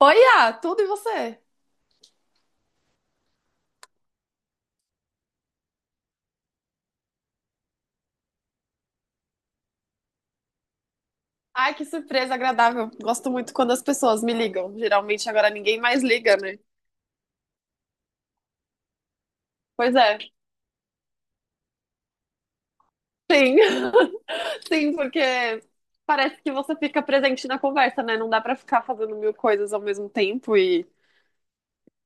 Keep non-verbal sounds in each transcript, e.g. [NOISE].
Oi, tudo e você? Ai, que surpresa agradável. Gosto muito quando as pessoas me ligam. Geralmente agora ninguém mais liga, né? Pois é. Sim, [LAUGHS] sim, porque parece que você fica presente na conversa, né? Não dá pra ficar fazendo mil coisas ao mesmo tempo e...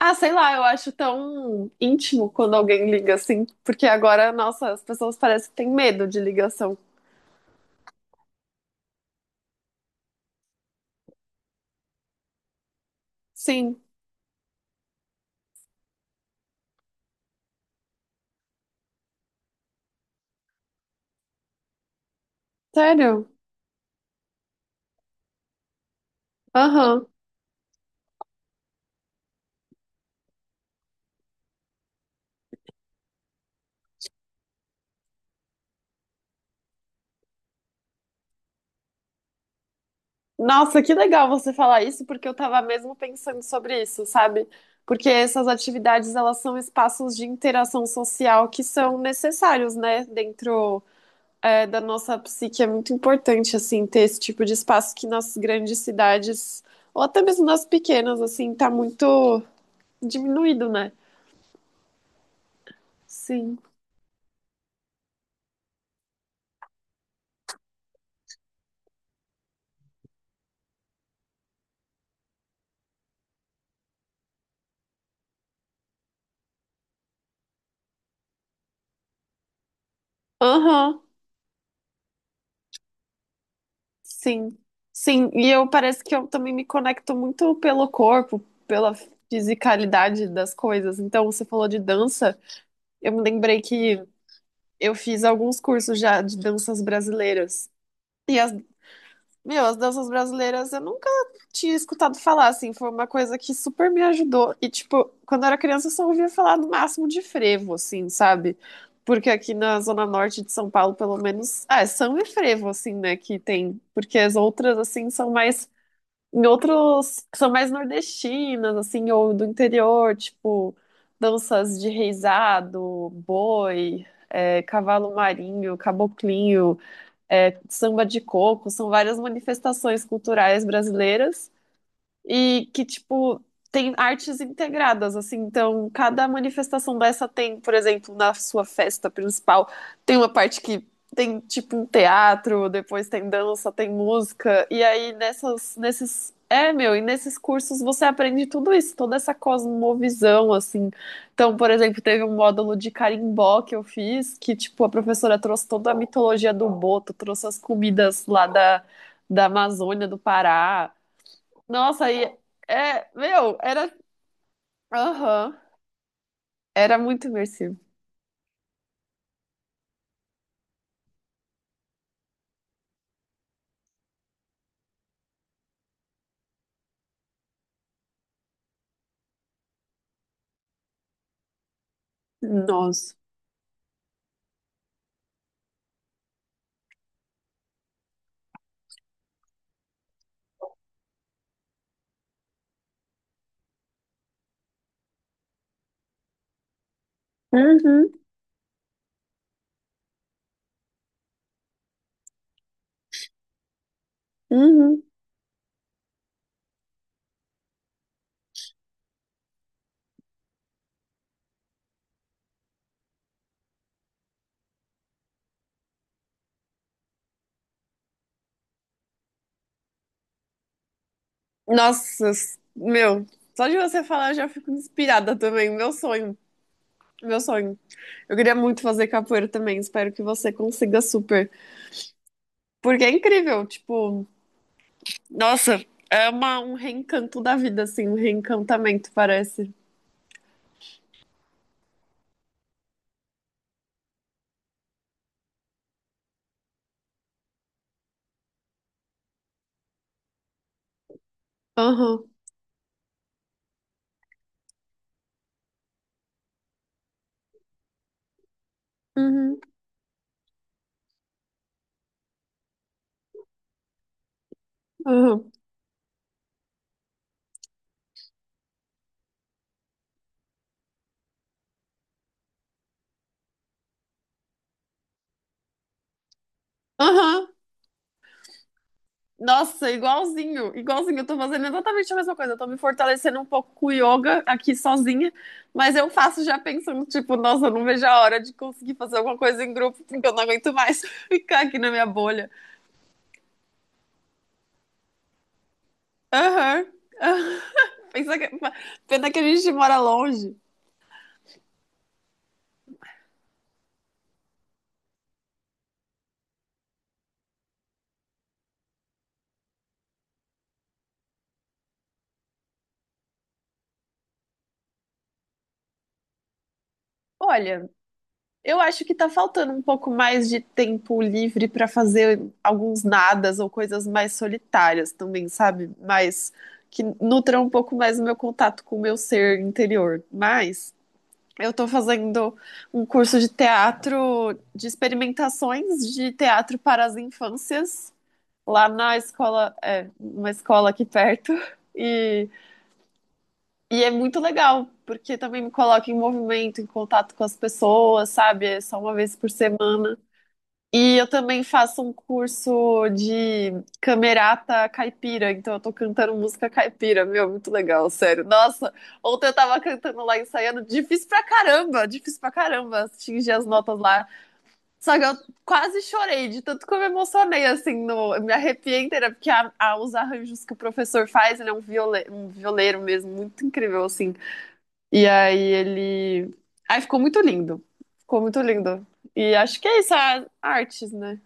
Ah, sei lá, eu acho tão íntimo quando alguém liga assim, porque agora, nossa, as pessoas parecem que têm medo de ligação. Sim, sério? Aham. Nossa, que legal você falar isso, porque eu tava mesmo pensando sobre isso, sabe? Porque essas atividades, elas são espaços de interação social que são necessários, né? Dentro, é, da nossa psique, é muito importante, assim, ter esse tipo de espaço que nas grandes cidades, ou até mesmo nas pequenas, assim, tá muito diminuído, né? Sim. Aham. Sim, sim, e eu parece que eu também me conecto muito pelo corpo, pela fisicalidade das coisas. Então, você falou de dança, eu me lembrei que eu fiz alguns cursos já de danças brasileiras. E as, meu, as danças brasileiras eu nunca tinha escutado falar, assim, foi uma coisa que super me ajudou. E, tipo, quando eu era criança eu só ouvia falar no máximo de frevo, assim, sabe? Porque aqui na zona norte de São Paulo, pelo menos, ah, é samba e frevo, assim, né, que tem. Porque as outras, assim, são mais em outros que são mais nordestinas, assim, ou do interior, tipo danças de reisado, boi, é, cavalo marinho, caboclinho, é, samba de coco, são várias manifestações culturais brasileiras e que, tipo, tem artes integradas, assim. Então, cada manifestação dessa tem, por exemplo, na sua festa principal, tem uma parte que tem, tipo, um teatro, depois tem dança, tem música. E aí, nessas, nesses. É, meu, e nesses cursos você aprende tudo isso, toda essa cosmovisão, assim. Então, por exemplo, teve um módulo de carimbó que eu fiz, que, tipo, a professora trouxe toda a mitologia do boto, trouxe as comidas lá da, da Amazônia, do Pará. Nossa, aí é, meu, era, aham, era muito imersivo. Nossa. Uhum, uhum. Nossa, s- meu, só de você falar eu já fico inspirada também. Meu sonho, meu sonho. Eu queria muito fazer capoeira também. Espero que você consiga super. Porque é incrível, tipo, nossa, é uma, um reencanto da vida, assim, um reencantamento, parece. Aham, uhum, aham, aham. Nossa, igualzinho, igualzinho. Eu tô fazendo exatamente a mesma coisa. Eu tô me fortalecendo um pouco com o yoga aqui sozinha, mas eu faço já pensando, tipo, nossa, eu não vejo a hora de conseguir fazer alguma coisa em grupo, porque eu não aguento mais [LAUGHS] ficar aqui na minha bolha. Aham. [LAUGHS] Pensa que... Pena que a gente mora longe. Olha. Eu acho que tá faltando um pouco mais de tempo livre para fazer alguns nadas ou coisas mais solitárias também, sabe? Mas que nutram um pouco mais o meu contato com o meu ser interior. Mas eu tô fazendo um curso de teatro, de experimentações de teatro para as infâncias, lá na escola, é, uma escola aqui perto. E é muito legal, porque também me coloca em movimento, em contato com as pessoas, sabe? É só uma vez por semana. E eu também faço um curso de camerata caipira, então eu tô cantando música caipira, meu, muito legal, sério. Nossa, ontem eu tava cantando lá, ensaiando, difícil pra caramba atingir as notas lá. Só que eu quase chorei, de tanto que eu me emocionei, assim, no, eu me arrepiei inteira, porque a- os arranjos que o professor faz, ele é um, viole, um violeiro mesmo, muito incrível, assim. E aí ele. Aí ficou muito lindo. Ficou muito lindo. E acho que é isso, a artes, né?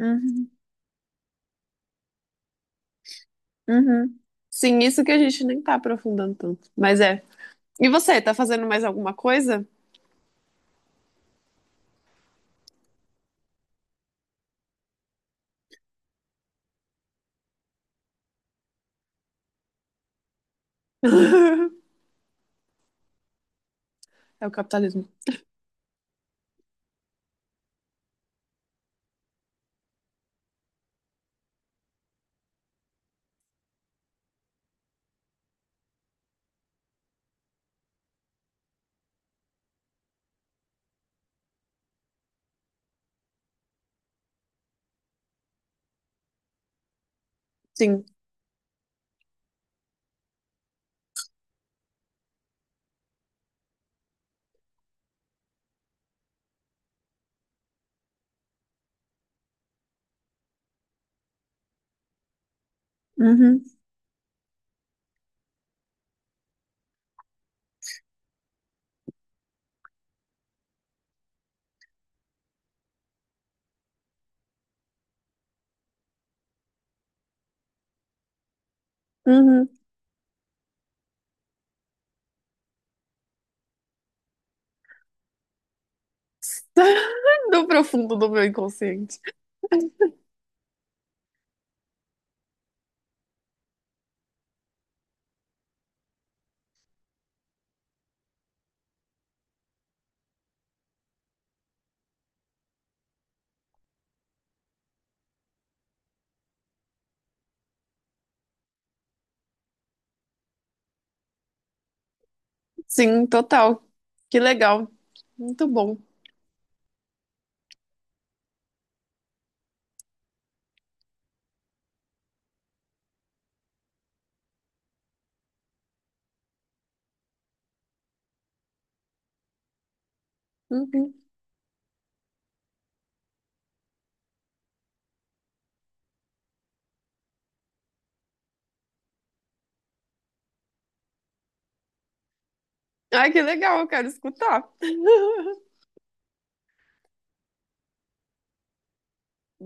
Uhum, uhum. Sim, isso que a gente nem tá aprofundando tanto. Mas é. E você, tá fazendo mais alguma coisa? É o capitalismo. Sim. Uhum, uhum. [LAUGHS] Do profundo do meu inconsciente. Sim, total. Que legal. Muito bom. Uhum. Ai, que legal, eu quero escutar. [LAUGHS]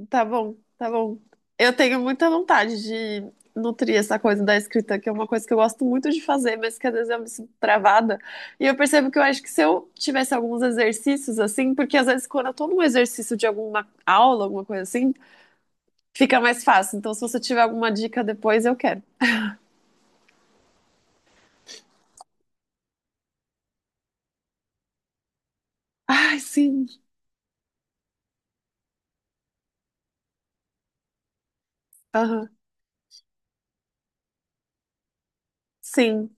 Tá bom, tá bom. Eu tenho muita vontade de nutrir essa coisa da escrita, que é uma coisa que eu gosto muito de fazer, mas que às vezes eu me sinto travada. E eu percebo que eu acho que se eu tivesse alguns exercícios assim, porque às vezes quando eu tô num exercício de alguma aula, alguma coisa assim, fica mais fácil. Então, se você tiver alguma dica depois, eu quero. Ai, sim. Aham. Sim.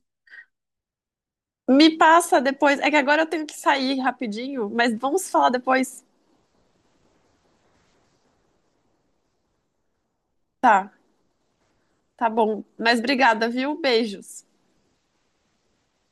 Me passa depois. É que agora eu tenho que sair rapidinho, mas vamos falar depois. Tá, tá bom. Mas obrigada, viu? Beijos.